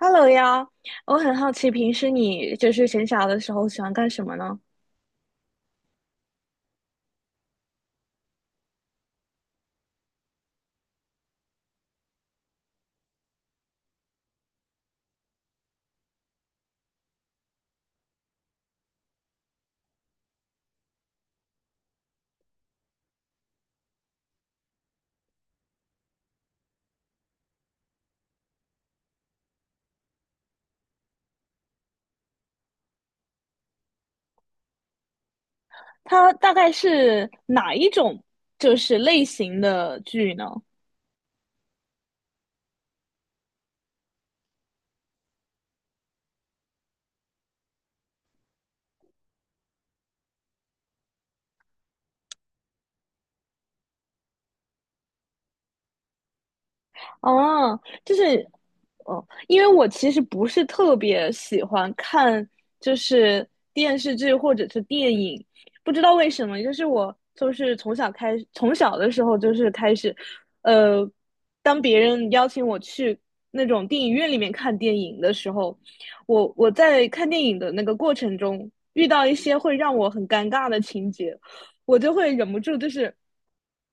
Hello 呀，我很好奇，平时你就是闲暇的时候喜欢干什么呢？它大概是哪一种就是类型的剧呢？哦，就是哦，因为我其实不是特别喜欢看，就是电视剧或者是电影，不知道为什么，就是我就是从小开始，从小的时候就是开始，呃，当别人邀请我去那种电影院里面看电影的时候，我在看电影的那个过程中遇到一些会让我很尴尬的情节，我就会忍不住就是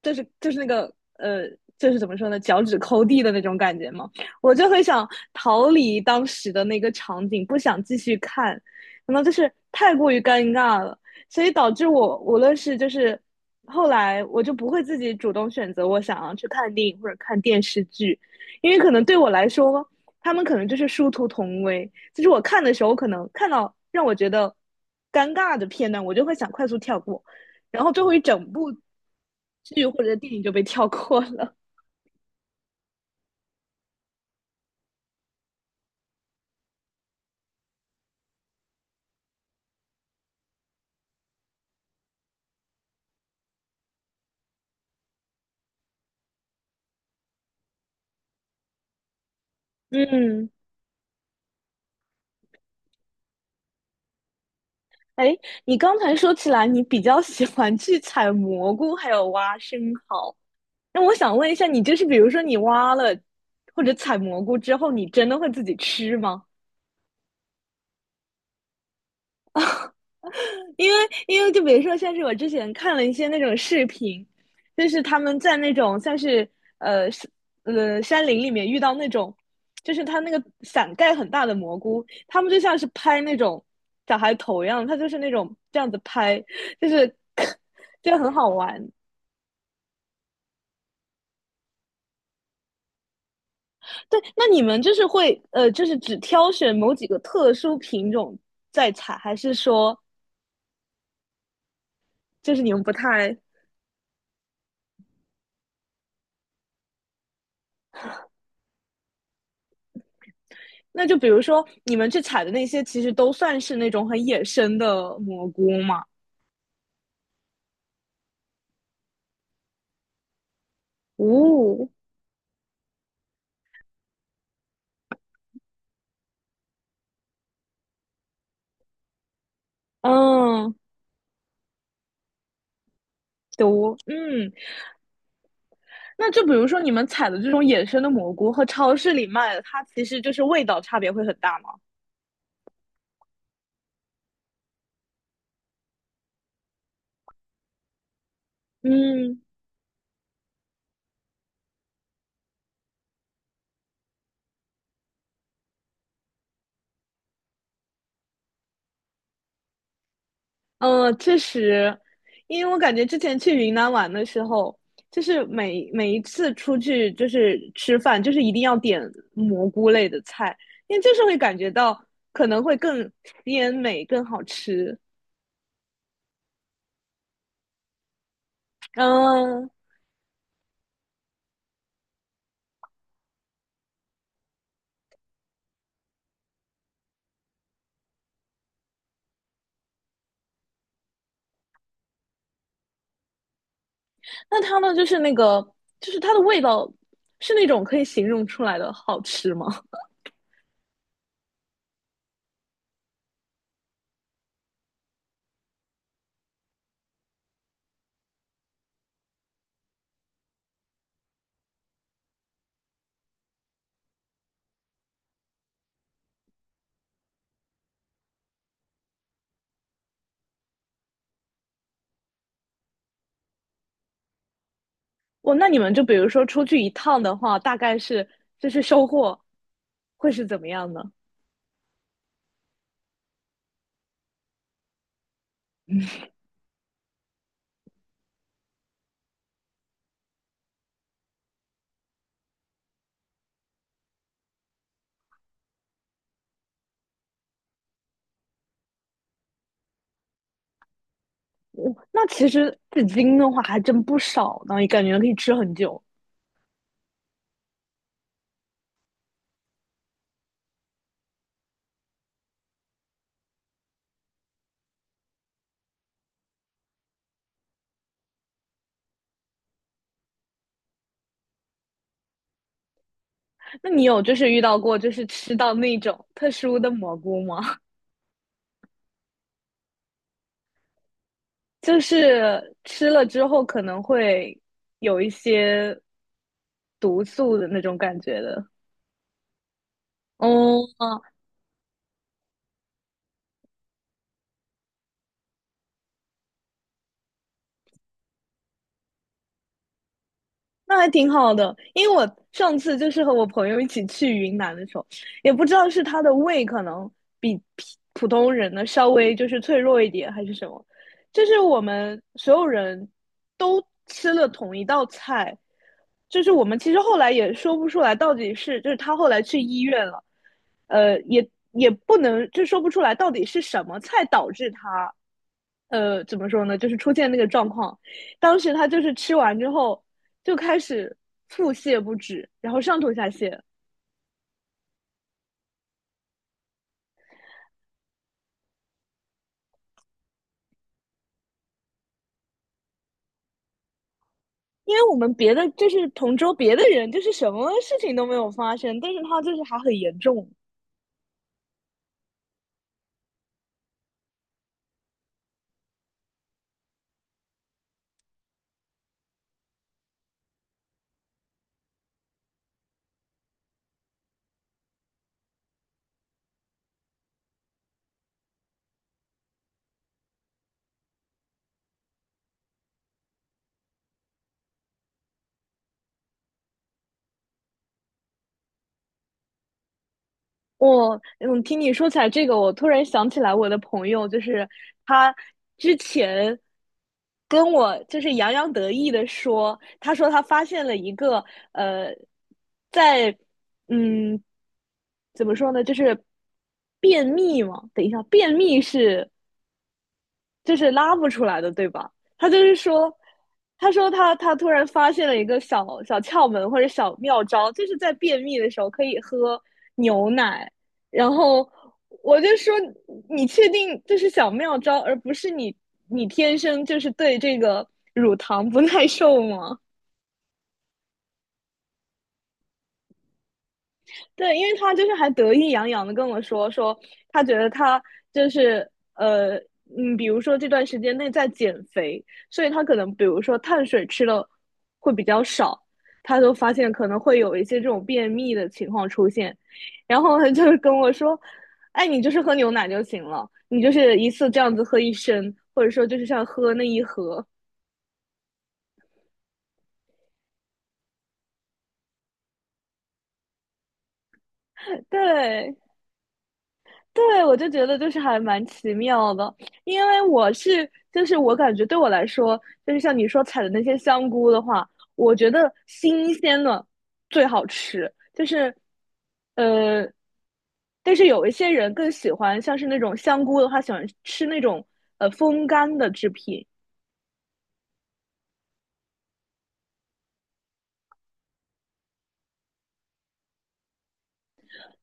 就是那个就是怎么说呢，脚趾抠地的那种感觉嘛，我就会想逃离当时的那个场景，不想继续看，可能就是太过于尴尬了，所以导致我无论是就是后来我就不会自己主动选择我想要去看电影或者看电视剧，因为可能对我来说，他们可能就是殊途同归，就是我看的时候可能看到让我觉得尴尬的片段，我就会想快速跳过。然后周围整部剧或者电影就被跳过了。嗯，哎，你刚才说起来，你比较喜欢去采蘑菇，还有挖生蚝。那我想问一下，你就是比如说你挖了或者采蘑菇之后，你真的会自己吃吗？因为就比如说像是我之前看了一些那种视频，就是他们在那种像是呃山林里面遇到那种，就是他那个伞盖很大的蘑菇，他们就像是拍那种小孩头一样，他就是那种这样子拍，就是 就很好玩。对，那你们就是会就是只挑选某几个特殊品种在采，还是说就是你们不太那就比如说你们去采的那些，其实都算是那种很野生的蘑菇嘛？哦，嗯，都，嗯，那就比如说你们采的这种野生的蘑菇和超市里卖的，它其实就是味道差别会很大吗？嗯，确实，因为我感觉之前去云南玩的时候，就是每每一次出去就是吃饭，就是一定要点蘑菇类的菜，因为就是会感觉到可能会更鲜美、更好吃。嗯，那它呢，就是那个，就是它的味道是那种可以形容出来的好吃吗？我那你们就比如说出去一趟的话，大概是就是收获会是怎么样呢？我那其实紫金的话还真不少呢，也感觉可以吃很久。那你有就是遇到过就是吃到那种特殊的蘑菇吗？就是吃了之后可能会有一些毒素的那种感觉的。哦，那还挺好的，因为我上次就是和我朋友一起去云南的时候，也不知道是他的胃可能比普通人呢稍微就是脆弱一点，还是什么，就是我们所有人都吃了同一道菜，就是我们其实后来也说不出来到底是，就是他后来去医院了，也也不能就说不出来到底是什么菜导致他，怎么说呢，就是出现那个状况。当时他就是吃完之后，就开始腹泻不止，然后上吐下泻。因为我们别的就是同桌别的人，就是什么事情都没有发生，但是他就是还很严重。我嗯，听你说起来这个，我突然想起来我的朋友，就是他之前跟我就是洋洋得意的说，他说他发现了一个呃，在嗯怎么说呢，就是便秘嘛。等一下，便秘是就是拉不出来的，对吧？他就是说，他说他突然发现了一个小小窍门或者小妙招，就是在便秘的时候可以喝牛奶。然后我就说，你确定这是小妙招，而不是你天生就是对这个乳糖不耐受吗？对，因为他就是还得意洋洋的跟我说，说他觉得他就是嗯，比如说这段时间内在减肥，所以他可能比如说碳水吃的会比较少，他就发现可能会有一些这种便秘的情况出现，然后他就跟我说，哎，你就是喝牛奶就行了，你就是一次这样子喝1升，或者说就是像喝那一盒，对，对，我就觉得就是还蛮奇妙的，因为我是就是我感觉对我来说，就是像你说采的那些香菇的话，我觉得新鲜的最好吃，就是呃，但是有一些人更喜欢像是那种香菇的话，喜欢吃那种风干的制品。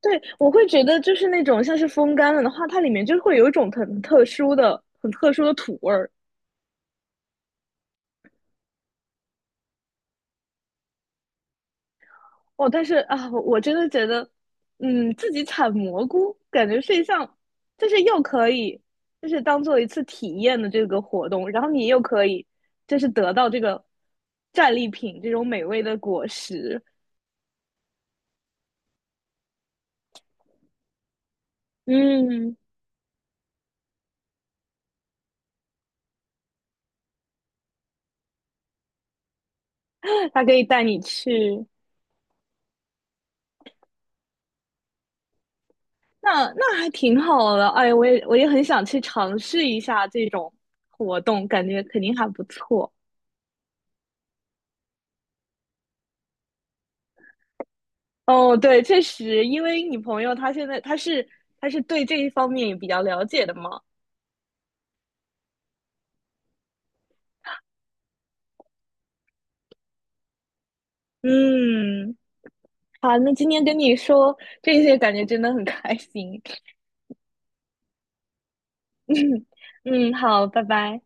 对，我会觉得就是那种像是风干了的话，它里面就会有一种很特殊的、很特殊的土味儿。哦，但是啊，我真的觉得，嗯，自己采蘑菇感觉是一项，就是又可以，就是当做一次体验的这个活动，然后你又可以，就是得到这个战利品这种美味的果实，嗯，他可以带你去，那那还挺好的，哎，我也很想去尝试一下这种活动，感觉肯定还不错。哦，对，确实，因为你朋友他现在他是对这一方面也比较了解的嘛。嗯，好，那今天跟你说这些，感觉真的很开心。嗯，好，拜拜。